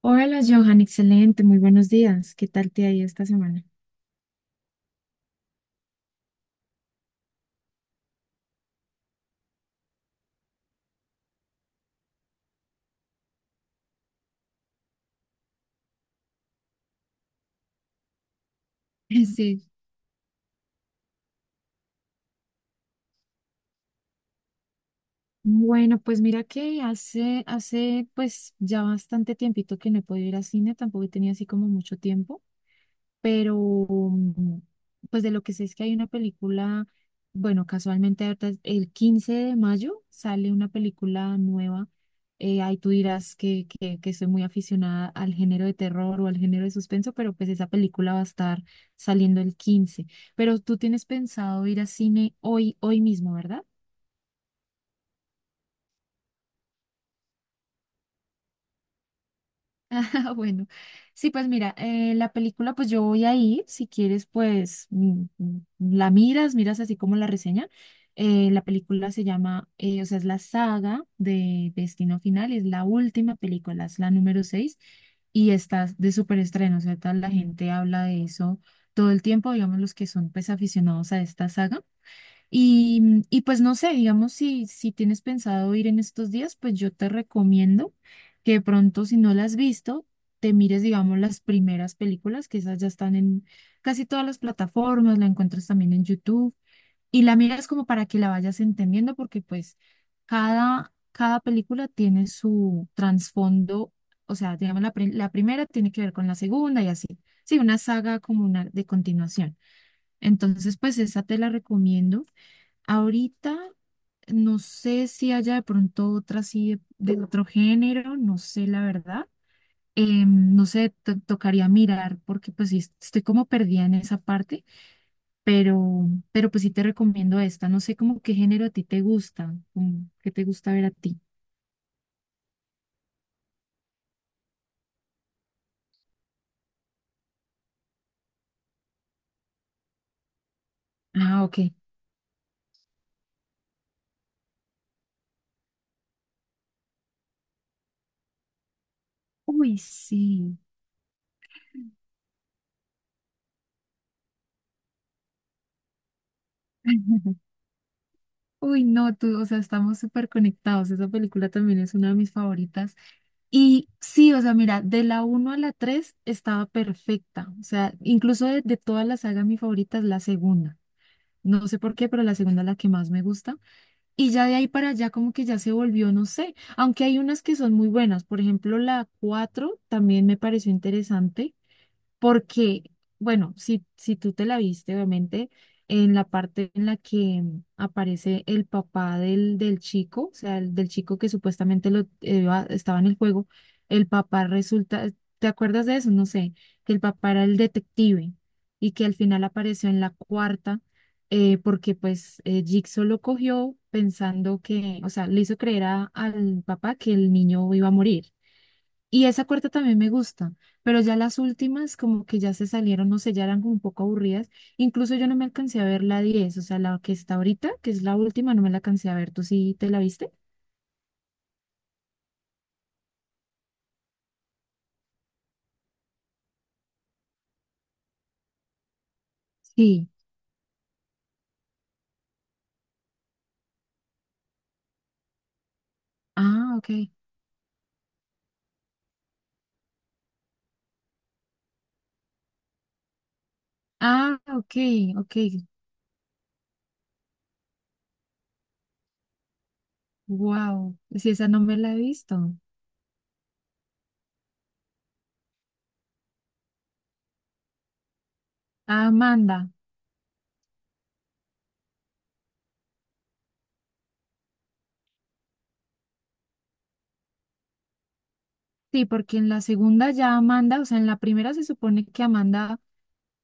Hola Johan, excelente, muy buenos días. ¿Qué tal te ha ido esta semana? Sí, bueno, pues mira que hace pues ya bastante tiempito que no he podido ir al cine, tampoco he tenido así como mucho tiempo, pero mm, pues de lo que sé es que hay una película. Bueno, casualmente ahorita el 15 de mayo sale una película nueva. Ahí tú dirás que soy muy aficionada al género de terror o al género de suspenso, pero pues esa película va a estar saliendo el 15. Pero tú tienes pensado ir a cine hoy, hoy mismo, ¿verdad? Bueno, sí, pues mira, la película, pues yo voy a ir. Si quieres, pues la miras, miras así como la reseña. La película se llama, o sea, es la saga de Destino Final, es la última película, es la número 6 y está de súper estreno. O sea, tal, la gente habla de eso todo el tiempo, digamos, los que son pues aficionados a esta saga. Y, y pues no sé, digamos, si, si tienes pensado ir en estos días, pues yo te recomiendo que de pronto, si no las has visto, te mires, digamos, las primeras películas, que esas ya están en casi todas las plataformas, la encuentras también en YouTube, y la miras como para que la vayas entendiendo, porque pues cada película tiene su trasfondo. O sea, digamos, la primera tiene que ver con la segunda y así. Sí, una saga como una de continuación. Entonces, pues esa te la recomiendo. Ahorita no sé si haya de pronto otra así de otro género, no sé la verdad. No sé, tocaría mirar porque pues sí, estoy como perdida en esa parte, pero pues sí te recomiendo esta. No sé como qué género a ti te gusta, como qué te gusta ver a ti. Ah, ok. Uy, sí. Uy, no, tú, o sea, estamos súper conectados. Esa película también es una de mis favoritas. Y sí, o sea, mira, de la uno a la 3 estaba perfecta. O sea, incluso de toda la saga, mi favorita es la segunda. No sé por qué, pero la segunda es la que más me gusta. Y ya de ahí para allá como que ya se volvió, no sé, aunque hay unas que son muy buenas. Por ejemplo, la 4 también me pareció interesante porque, bueno, si tú te la viste, obviamente, en la parte en la que aparece el papá del chico, o sea, del chico que supuestamente lo, estaba en el juego, el papá resulta, ¿te acuerdas de eso? No sé, que el papá era el detective y que al final apareció en la cuarta, porque pues Jigsaw lo cogió pensando que, o sea, le hizo creer al papá que el niño iba a morir, y esa cuarta también me gusta, pero ya las últimas como que ya se salieron, no sé, ya eran como un poco aburridas. Incluso yo no me alcancé a ver la 10, o sea, la que está ahorita, que es la última, no me la alcancé a ver. ¿Tú sí te la viste? Sí. Ah, ok. Ah, ok, ok. Wow. Sí, esa no me la he visto. Ah, Amanda. Sí, porque en la segunda ya Amanda, o sea, en la primera se supone que Amanda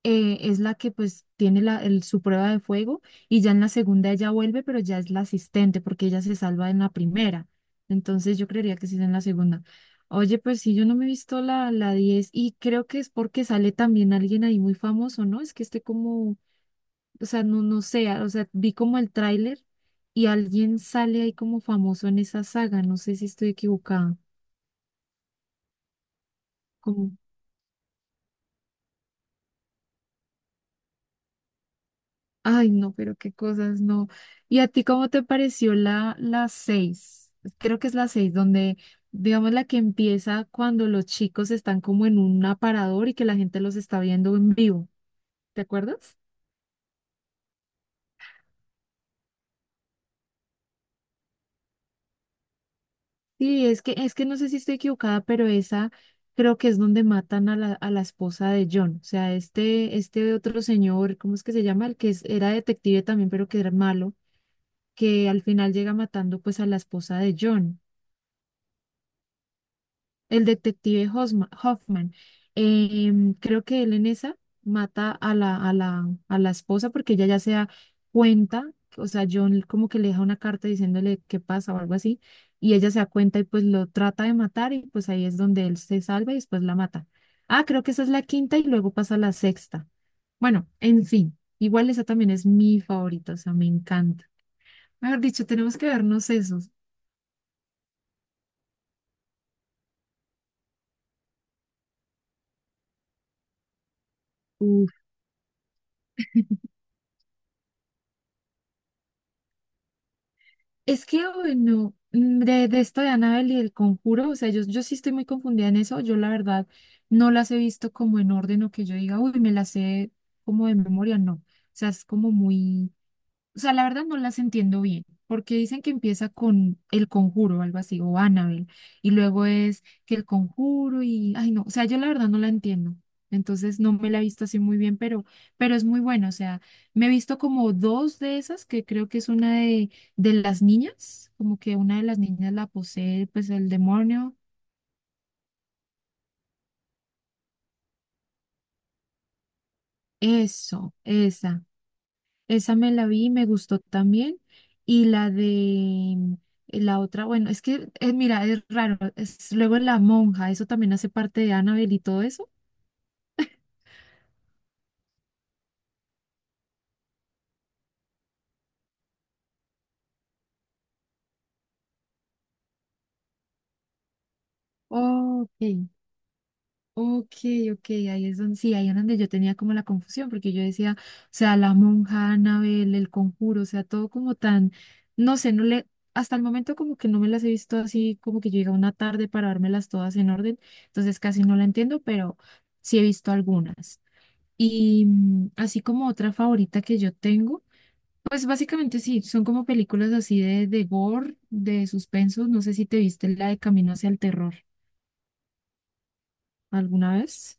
es la que pues tiene la, su prueba de fuego, y ya en la segunda ella vuelve, pero ya es la asistente porque ella se salva en la primera. Entonces yo creería que sí es en la segunda. Oye, pues sí, yo no me he visto la 10, y creo que es porque sale también alguien ahí muy famoso, ¿no? Es que esté como, o sea, no, no sé, o sea, vi como el tráiler y alguien sale ahí como famoso en esa saga, no sé si estoy equivocada. Ay, no, pero qué cosas, no. ¿Y a ti cómo te pareció la seis? Creo que es la seis, donde, digamos, la que empieza cuando los chicos están como en un aparador y que la gente los está viendo en vivo. ¿Te acuerdas? Sí, es que no sé si estoy equivocada, pero esa creo que es donde matan a la esposa de John. O sea, este otro señor, ¿cómo es que se llama? El que era detective también, pero que era malo, que al final llega matando pues a la esposa de John. El detective Hoffman. Creo que él en esa mata a la esposa porque ella ya se da cuenta. O sea, John como que le deja una carta diciéndole qué pasa o algo así, y ella se da cuenta y pues lo trata de matar y pues ahí es donde él se salva y después la mata. Ah, creo que esa es la quinta y luego pasa la sexta. Bueno, en fin, igual esa también es mi favorita, o sea, me encanta. Mejor dicho, tenemos que vernos esos. Es que, bueno, de esto de Annabelle y el conjuro, o sea, yo sí estoy muy confundida en eso. Yo, la verdad, no las he visto como en orden o que yo diga, uy, me las sé como de memoria, no. O sea, es como muy. O sea, la verdad no las entiendo bien, porque dicen que empieza con el conjuro o algo así, o Annabelle, y luego es que el conjuro y, ay no, o sea, yo la verdad no la entiendo. Entonces no me la he visto así muy bien, pero es muy buena. O sea, me he visto como dos de esas, que creo que es una de las niñas, como que una de las niñas la posee, pues el demonio. Eso, esa. Esa me la vi y me gustó también. Y la de la otra, bueno, es que, mira, es raro. Es, luego La Monja, eso también hace parte de Annabelle y todo eso. Ok, ok, ok, ahí es donde, sí, ahí es donde yo tenía como la confusión, porque yo decía, o sea, La Monja, Annabelle, El Conjuro, o sea, todo como tan, no sé, no le, hasta el momento como que no me las he visto así, como que yo llega una tarde para dármelas todas en orden, entonces casi no la entiendo, pero sí he visto algunas. Y así como otra favorita que yo tengo, pues básicamente sí, son como películas así de gore, de suspenso. No sé si te viste la de Camino hacia el terror alguna vez.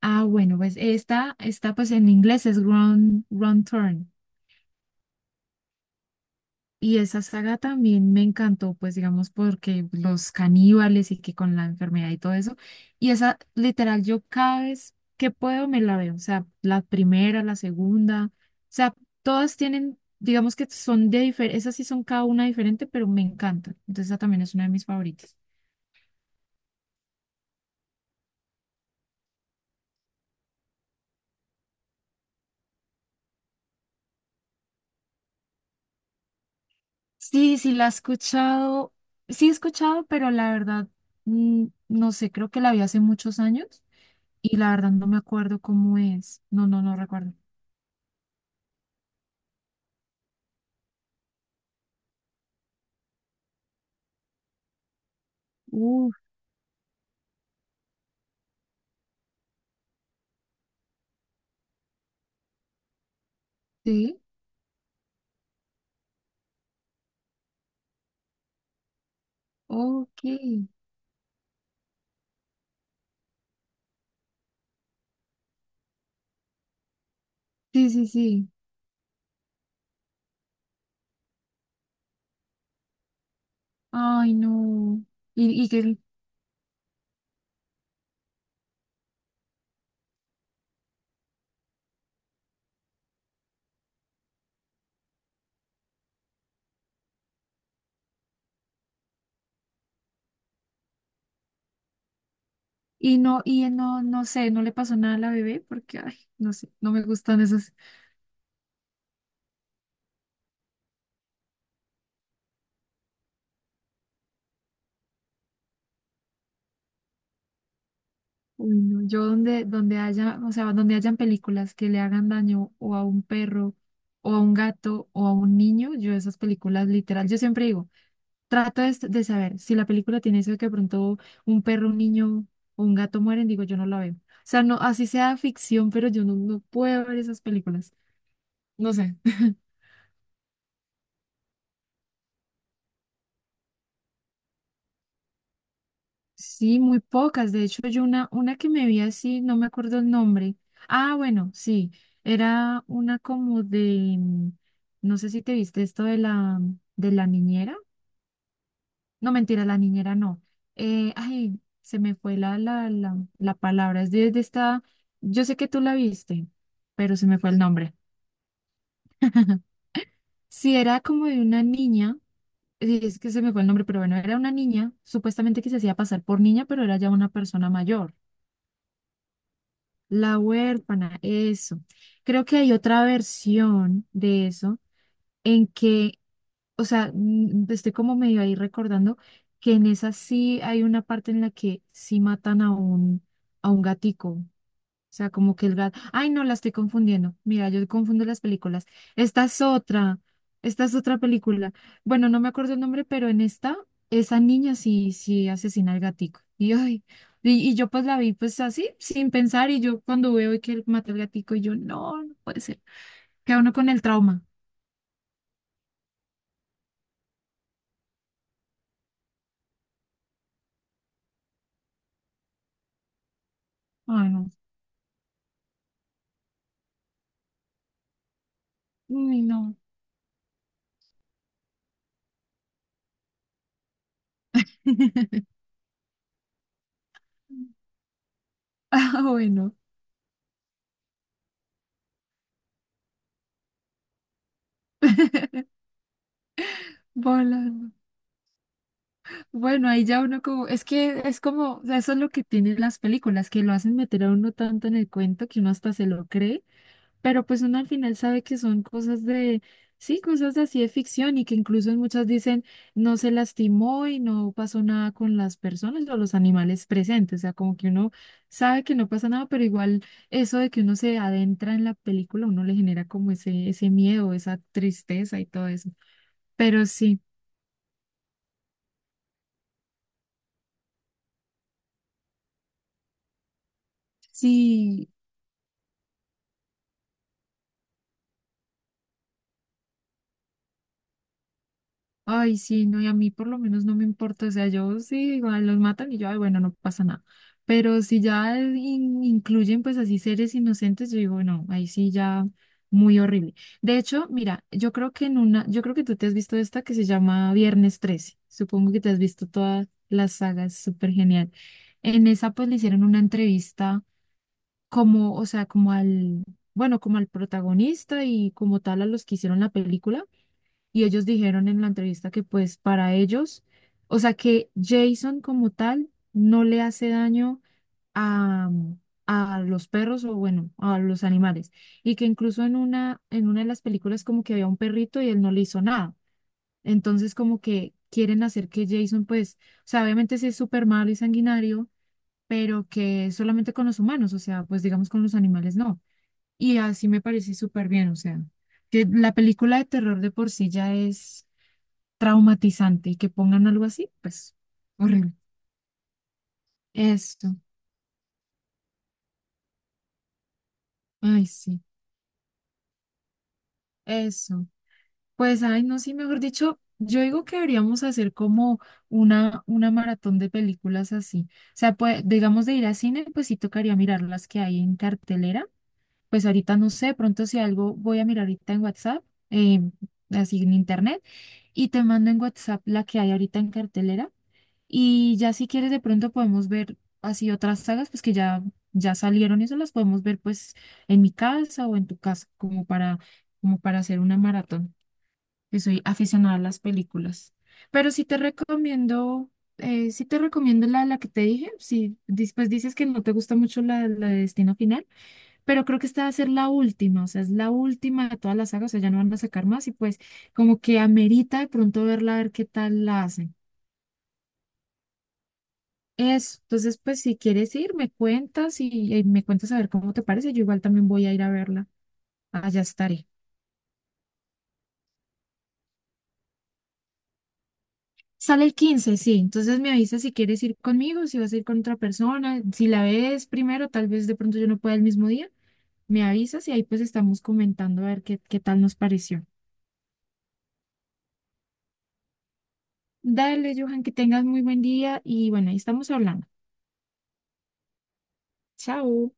Ah, bueno, pues esta pues en inglés es Wrong Turn. Y esa saga también me encantó, pues digamos, porque los caníbales y que con la enfermedad y todo eso. Y esa, literal, yo cada vez que puedo me la veo. O sea, la primera, la segunda. O sea, todas tienen, digamos que son de diferente, esas sí son cada una diferente, pero me encanta. Entonces, esa también es una de mis favoritas. Sí, sí, la he escuchado. Sí, he escuchado, pero la verdad, no sé, creo que la vi hace muchos años y la verdad no me acuerdo cómo es. No, no, no recuerdo. Sí, ok. Sí, sí, sí. Ay, no. Y, y que y no, no sé, no le pasó nada a la bebé porque, ay, no sé, no me gustan esas. Uy, no. Yo donde haya, o sea, donde hayan películas que le hagan daño o a un perro, o a un gato, o a un niño, yo esas películas literal, yo siempre digo, trato de saber si la película tiene eso de que de pronto un perro, un niño o un gato mueren, digo, yo no la veo. O sea, no, así sea ficción, pero yo no, no puedo ver esas películas. No sé. Sí, muy pocas. De hecho, yo una que me vi así, no me acuerdo el nombre. Ah, bueno, sí. Era una como de, no sé si te viste esto de la niñera. No, mentira, la niñera no. Ay, se me fue la palabra. Es de esta, yo sé que tú la viste, pero se me fue el nombre. Sí, era como de una niña, sí es que se me fue el nombre, pero bueno, era una niña, supuestamente que se hacía pasar por niña, pero era ya una persona mayor. La huérfana, eso. Creo que hay otra versión de eso en que, o sea, estoy como medio ahí recordando que en esa sí hay una parte en la que sí matan a un gatico, o sea, como que el gato. Ay, no, la estoy confundiendo. Mira, yo confundo las películas. Esta es otra. Esta es otra película. Bueno, no me acuerdo el nombre, pero en esta, esa niña sí, sí asesina al gatico. Y, ay, y yo pues la vi pues así, sin pensar. Y yo cuando veo que él mata al gatico, y yo, no, no puede ser. Queda uno con el trauma. Ay, no. Uy, no. Ah, bueno. Bola. Bueno, ahí ya uno como, es que es como, o sea, eso es lo que tienen las películas, que lo hacen meter a uno tanto en el cuento que uno hasta se lo cree, pero pues uno al final sabe que son cosas de, sí, cosas así de ficción y que incluso muchas dicen no se lastimó y no pasó nada con las personas o los animales presentes, o sea, como que uno sabe que no pasa nada, pero igual eso de que uno se adentra en la película, uno le genera como ese miedo, esa tristeza y todo eso. Pero sí, sí. Ay, sí, no, y a mí por lo menos no me importa, o sea, yo sí, igual los matan y yo, ay, bueno, no pasa nada. Pero si ya incluyen pues así seres inocentes, yo digo, no, ahí sí ya muy horrible. De hecho, mira, yo creo que en una, yo creo que tú te has visto esta que se llama Viernes 13. Supongo que te has visto todas las sagas, súper genial. En esa pues le hicieron una entrevista como, o sea, como al, bueno, como al protagonista y como tal a los que hicieron la película y ellos dijeron en la entrevista que pues para ellos, o sea que Jason como tal no le hace daño a, a los perros o bueno, a los animales y que incluso en una de las películas como que había un perrito y él no le hizo nada. Entonces como que quieren hacer que Jason pues, o sea, obviamente sí es súper malo y sanguinario, pero que solamente con los humanos, o sea, pues digamos con los animales no. Y así me parece súper bien, o sea, que la película de terror de por sí ya es traumatizante y que pongan algo así, pues horrible. Eso, ay, sí, eso. Pues, ay, no, sí, mejor dicho, yo digo que deberíamos hacer como una maratón de películas así. O sea, pues, digamos de ir a cine, pues sí tocaría mirar las que hay en cartelera. Pues ahorita no sé, pronto si algo voy a mirar ahorita en WhatsApp, eh, así en internet, y te mando en WhatsApp la que hay ahorita en cartelera. Y ya si quieres de pronto podemos ver así otras sagas, pues que ya, ya salieron y eso las podemos ver pues en mi casa o en tu casa, como para, como para hacer una maratón, que soy aficionada a las películas. Pero sí te recomiendo la, la que te dije, si después dices que no te gusta mucho la, la de Destino Final, pero creo que esta va a ser la última, o sea, es la última de todas las sagas, o sea, ya no van a sacar más y pues como que amerita de pronto verla, a ver qué tal la hacen. Eso, entonces pues si quieres ir, me cuentas y me cuentas a ver cómo te parece. Yo igual también voy a ir a verla. Allá estaré. Sale el 15, sí. Entonces me avisas si quieres ir conmigo, si vas a ir con otra persona. Si la ves primero, tal vez de pronto yo no pueda el mismo día. Me avisas y ahí pues estamos comentando a ver qué, qué tal nos pareció. Dale, Johan, que tengas muy buen día y bueno, ahí estamos hablando. Chao.